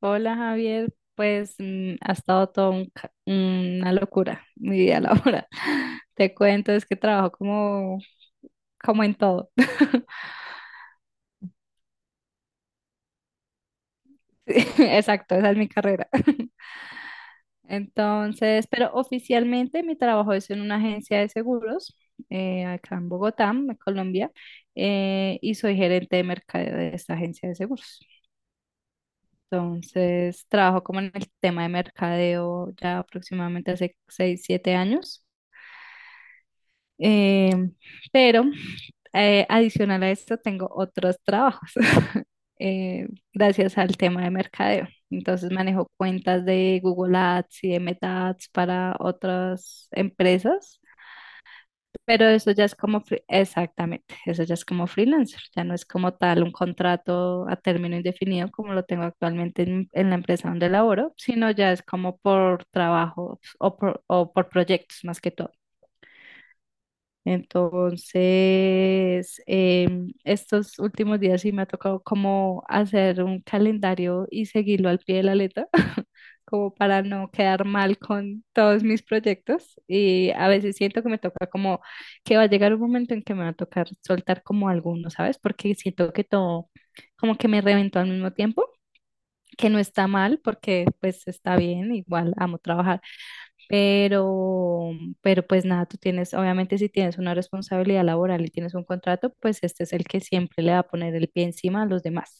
Hola Javier, pues ha estado todo una locura mi vida laboral. Te cuento, es que trabajo como en todo. Sí, exacto, esa es mi carrera. Entonces, pero oficialmente mi trabajo es en una agencia de seguros acá en Bogotá, en Colombia, y soy gerente de mercadeo de esta agencia de seguros. Entonces, trabajo como en el tema de mercadeo ya aproximadamente hace 6, 7 años. Eh, pero adicional a esto tengo otros trabajos eh, gracias al tema de mercadeo. Entonces manejo cuentas de Google Ads y de Meta Ads para otras empresas, pero eso ya es como, exactamente, eso ya es como freelancer, ya no es como tal un contrato a término indefinido como lo tengo actualmente en la empresa donde laboro, sino ya es como por trabajo o por proyectos más que todo. Entonces, estos últimos días sí me ha tocado como hacer un calendario y seguirlo al pie de la letra, como para no quedar mal con todos mis proyectos. Y a veces siento que me toca como que va a llegar un momento en que me va a tocar soltar como alguno, ¿sabes? Porque siento que todo como que me reventó al mismo tiempo, que no está mal porque pues está bien, igual amo trabajar pero, pero pues nada, tú tienes, obviamente si tienes una responsabilidad laboral y tienes un contrato, pues este es el que siempre le va a poner el pie encima a los demás.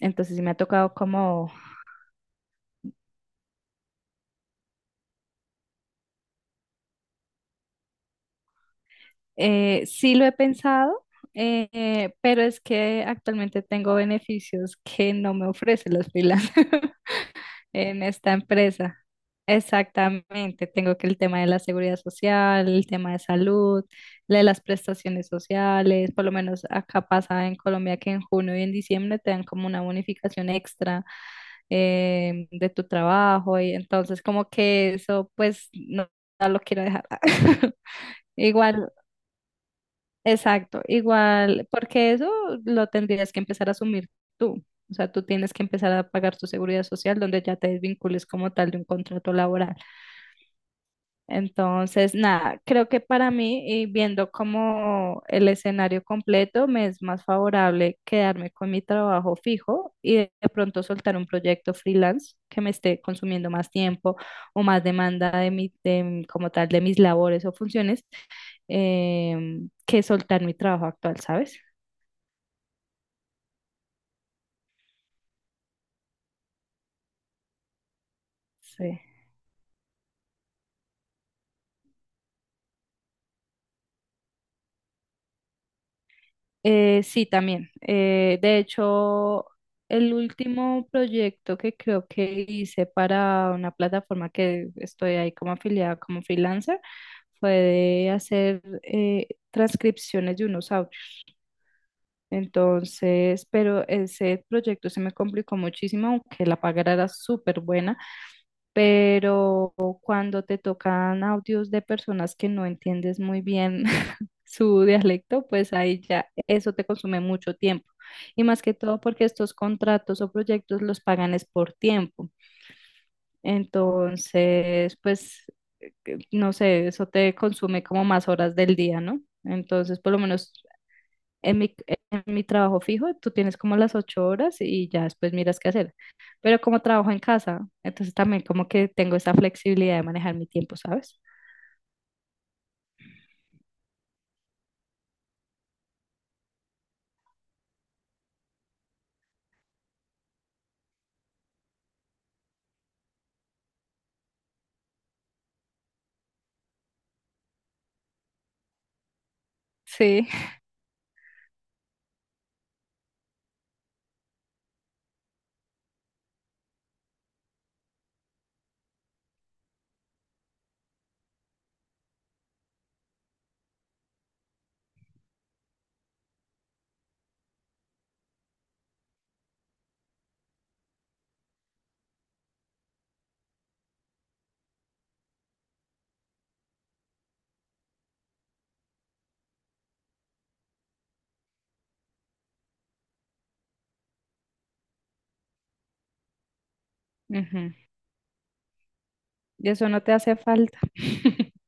Entonces sí me ha tocado como, sí lo he pensado, pero es que actualmente tengo beneficios que no me ofrecen los freelancers. En esta empresa. Exactamente, tengo que el tema de la seguridad social, el tema de salud, la de las prestaciones sociales, por lo menos acá pasa en Colombia que en junio y en diciembre te dan como una bonificación extra de tu trabajo, y entonces como que eso pues no, no lo quiero dejar. Igual, exacto, igual, porque eso lo tendrías que empezar a asumir tú. O sea, tú tienes que empezar a pagar tu seguridad social donde ya te desvincules como tal de un contrato laboral. Entonces, nada, creo que para mí, y viendo como el escenario completo, me es más favorable quedarme con mi trabajo fijo y de pronto soltar un proyecto freelance que me esté consumiendo más tiempo o más demanda de mi, como tal de mis labores o funciones, que soltar mi trabajo actual, ¿sabes? Sí. Sí, también. De hecho, el último proyecto que creo que hice para una plataforma que estoy ahí como afiliada, como freelancer, fue de hacer transcripciones de unos audios. Entonces, pero ese proyecto se me complicó muchísimo, aunque la paga era súper buena, pero cuando te tocan audios de personas que no entiendes muy bien su dialecto, pues ahí ya eso te consume mucho tiempo. Y más que todo porque estos contratos o proyectos los pagan es por tiempo. Entonces, pues, no sé, eso te consume como más horas del día, ¿no? Entonces, por lo menos en mi, en mi trabajo fijo, tú tienes como las 8 horas y ya después miras qué hacer. Pero como trabajo en casa, entonces también como que tengo esa flexibilidad de manejar mi tiempo, ¿sabes? Sí. Ujú. Y eso no te hace falta.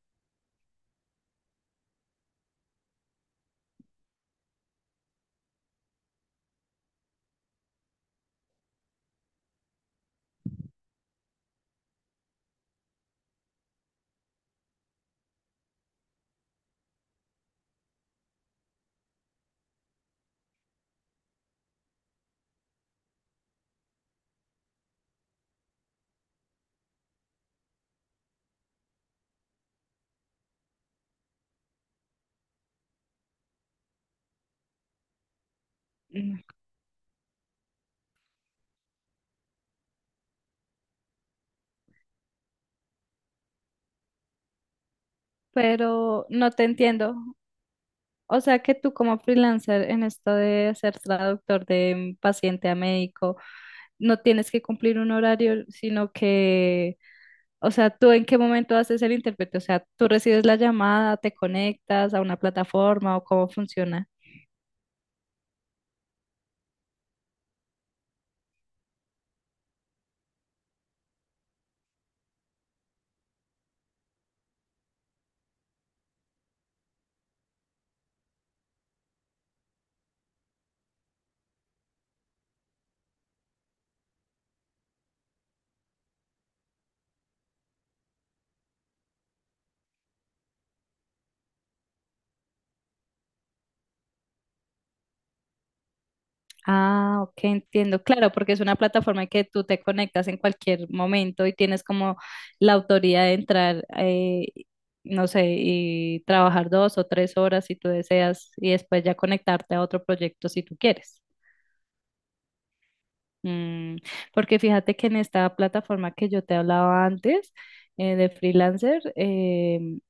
Pero no te entiendo. O sea que tú como freelancer en esto de ser traductor de paciente a médico, no tienes que cumplir un horario, sino que, o sea, tú en qué momento haces el intérprete, o sea, tú recibes la llamada, te conectas a una plataforma o cómo funciona. Ah, ok, entiendo. Claro, porque es una plataforma que tú te conectas en cualquier momento y tienes como la autoridad de entrar, no sé, y trabajar 2 o 3 horas si tú deseas y después ya conectarte a otro proyecto si tú quieres. Mm, porque fíjate que en esta plataforma que yo te hablaba antes, de freelancer,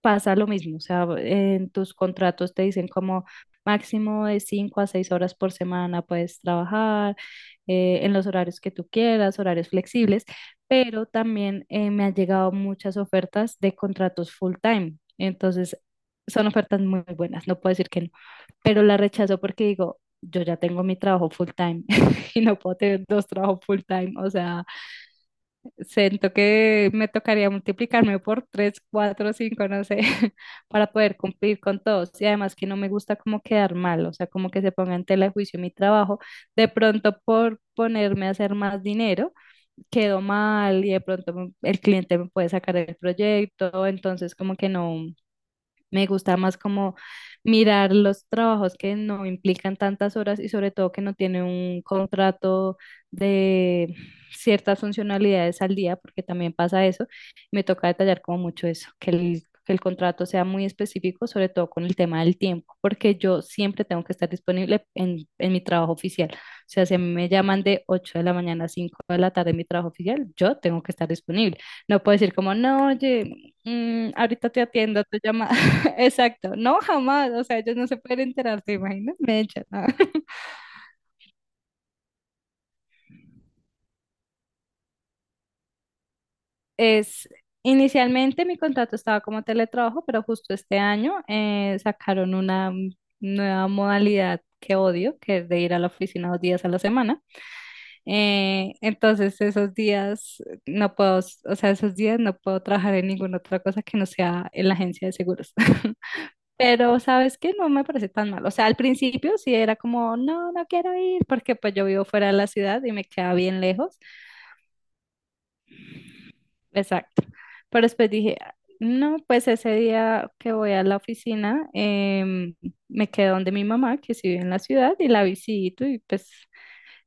pasa lo mismo. O sea, en tus contratos te dicen como máximo de 5 a 6 horas por semana puedes trabajar en los horarios que tú quieras, horarios flexibles, pero también me han llegado muchas ofertas de contratos full time. Entonces, son ofertas muy buenas, no puedo decir que no, pero la rechazo porque digo, yo ya tengo mi trabajo full time y no puedo tener dos trabajos full time, o sea... Siento que me tocaría multiplicarme por tres, cuatro, cinco, no sé, para poder cumplir con todos. Y además que no me gusta como quedar mal, o sea, como que se ponga en tela de juicio mi trabajo. De pronto por ponerme a hacer más dinero, quedo mal y de pronto el cliente me puede sacar del proyecto. Entonces como que no, me gusta más como mirar los trabajos que no implican tantas horas y sobre todo que no tienen un contrato de ciertas funcionalidades al día, porque también pasa eso. Me toca detallar como mucho eso, que el contrato sea muy específico, sobre todo con el tema del tiempo, porque yo siempre tengo que estar disponible en mi trabajo oficial. O sea, si a mí me llaman de 8 de la mañana a 5 de la tarde en mi trabajo oficial, yo tengo que estar disponible. No puedo decir como, no, oye, ahorita te atiendo, te llama. Exacto, no jamás, o sea, ellos no se pueden enterar, ¿te imaginas? Me echan, ¿no? Es, inicialmente mi contrato estaba como teletrabajo, pero justo este año sacaron una nueva modalidad que odio, que es de ir a la oficina 2 días a la semana. Entonces esos días no puedo, o sea, esos días no puedo trabajar en ninguna otra cosa que no sea en la agencia de seguros. Pero, ¿sabes? Que no me parece tan mal. O sea, al principio sí era como, no, no quiero ir, porque pues yo vivo fuera de la ciudad y me queda bien lejos. Exacto. Pero después dije: "Ah, no, pues ese día que voy a la oficina, me quedo donde mi mamá, que sí vive en la ciudad, y la visito y pues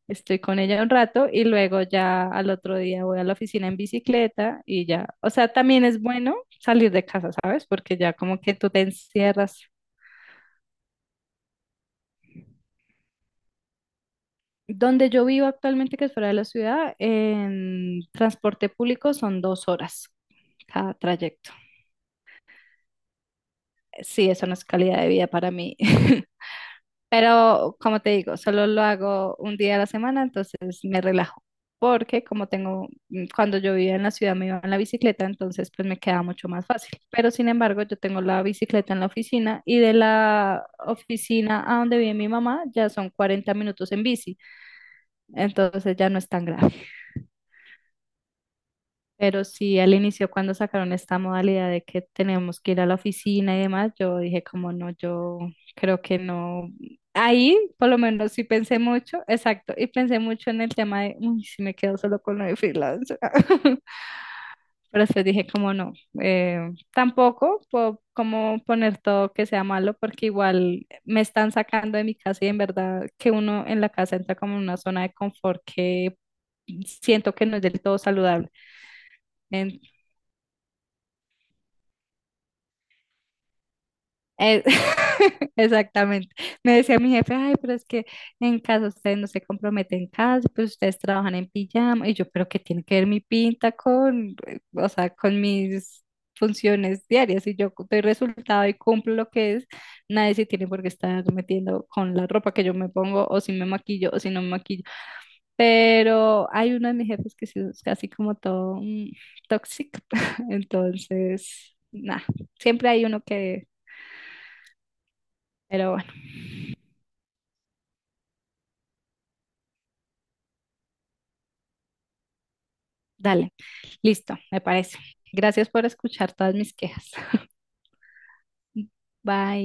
estoy con ella un rato y luego ya al otro día voy a la oficina en bicicleta y ya". O sea, también es bueno salir de casa, ¿sabes? Porque ya como que tú te encierras. Donde yo vivo actualmente, que es fuera de la ciudad, en transporte público son 2 horas cada trayecto. Sí, eso no es calidad de vida para mí. Pero como te digo, solo lo hago un día a la semana, entonces me relajo. Porque como tengo, cuando yo vivía en la ciudad me iba en la bicicleta, entonces pues me queda mucho más fácil. Pero sin embargo, yo tengo la bicicleta en la oficina y de la oficina a donde vive mi mamá ya son 40 minutos en bici, entonces ya no es tan grave. Pero sí, al inicio cuando sacaron esta modalidad de que tenemos que ir a la oficina y demás, yo dije como no, yo creo que no. Ahí por lo menos sí pensé mucho, exacto, y pensé mucho en el tema de, uy, si me quedo solo con lo de freelance. Pero después dije como no, eh, tampoco puedo como poner todo que sea malo porque igual me están sacando de mi casa y en verdad que uno en la casa entra como en una zona de confort que siento que no es del todo saludable. Eh, Exactamente. Me decía mi jefe, ay, pero es que en casa ustedes no se comprometen, en casa pues ustedes trabajan en pijama. Y yo, pero ¿qué tiene que ver mi pinta con, o sea, con mis funciones diarias? Y yo doy resultado y cumplo lo que es, nadie se tiene por qué estar metiendo con la ropa que yo me pongo, o si me maquillo, o si no me maquillo. Pero hay uno de mis jefes que sí es casi como todo tóxico. Entonces, nada, siempre hay uno que, pero bueno. Dale, listo, me parece. Gracias por escuchar todas mis quejas. Bye.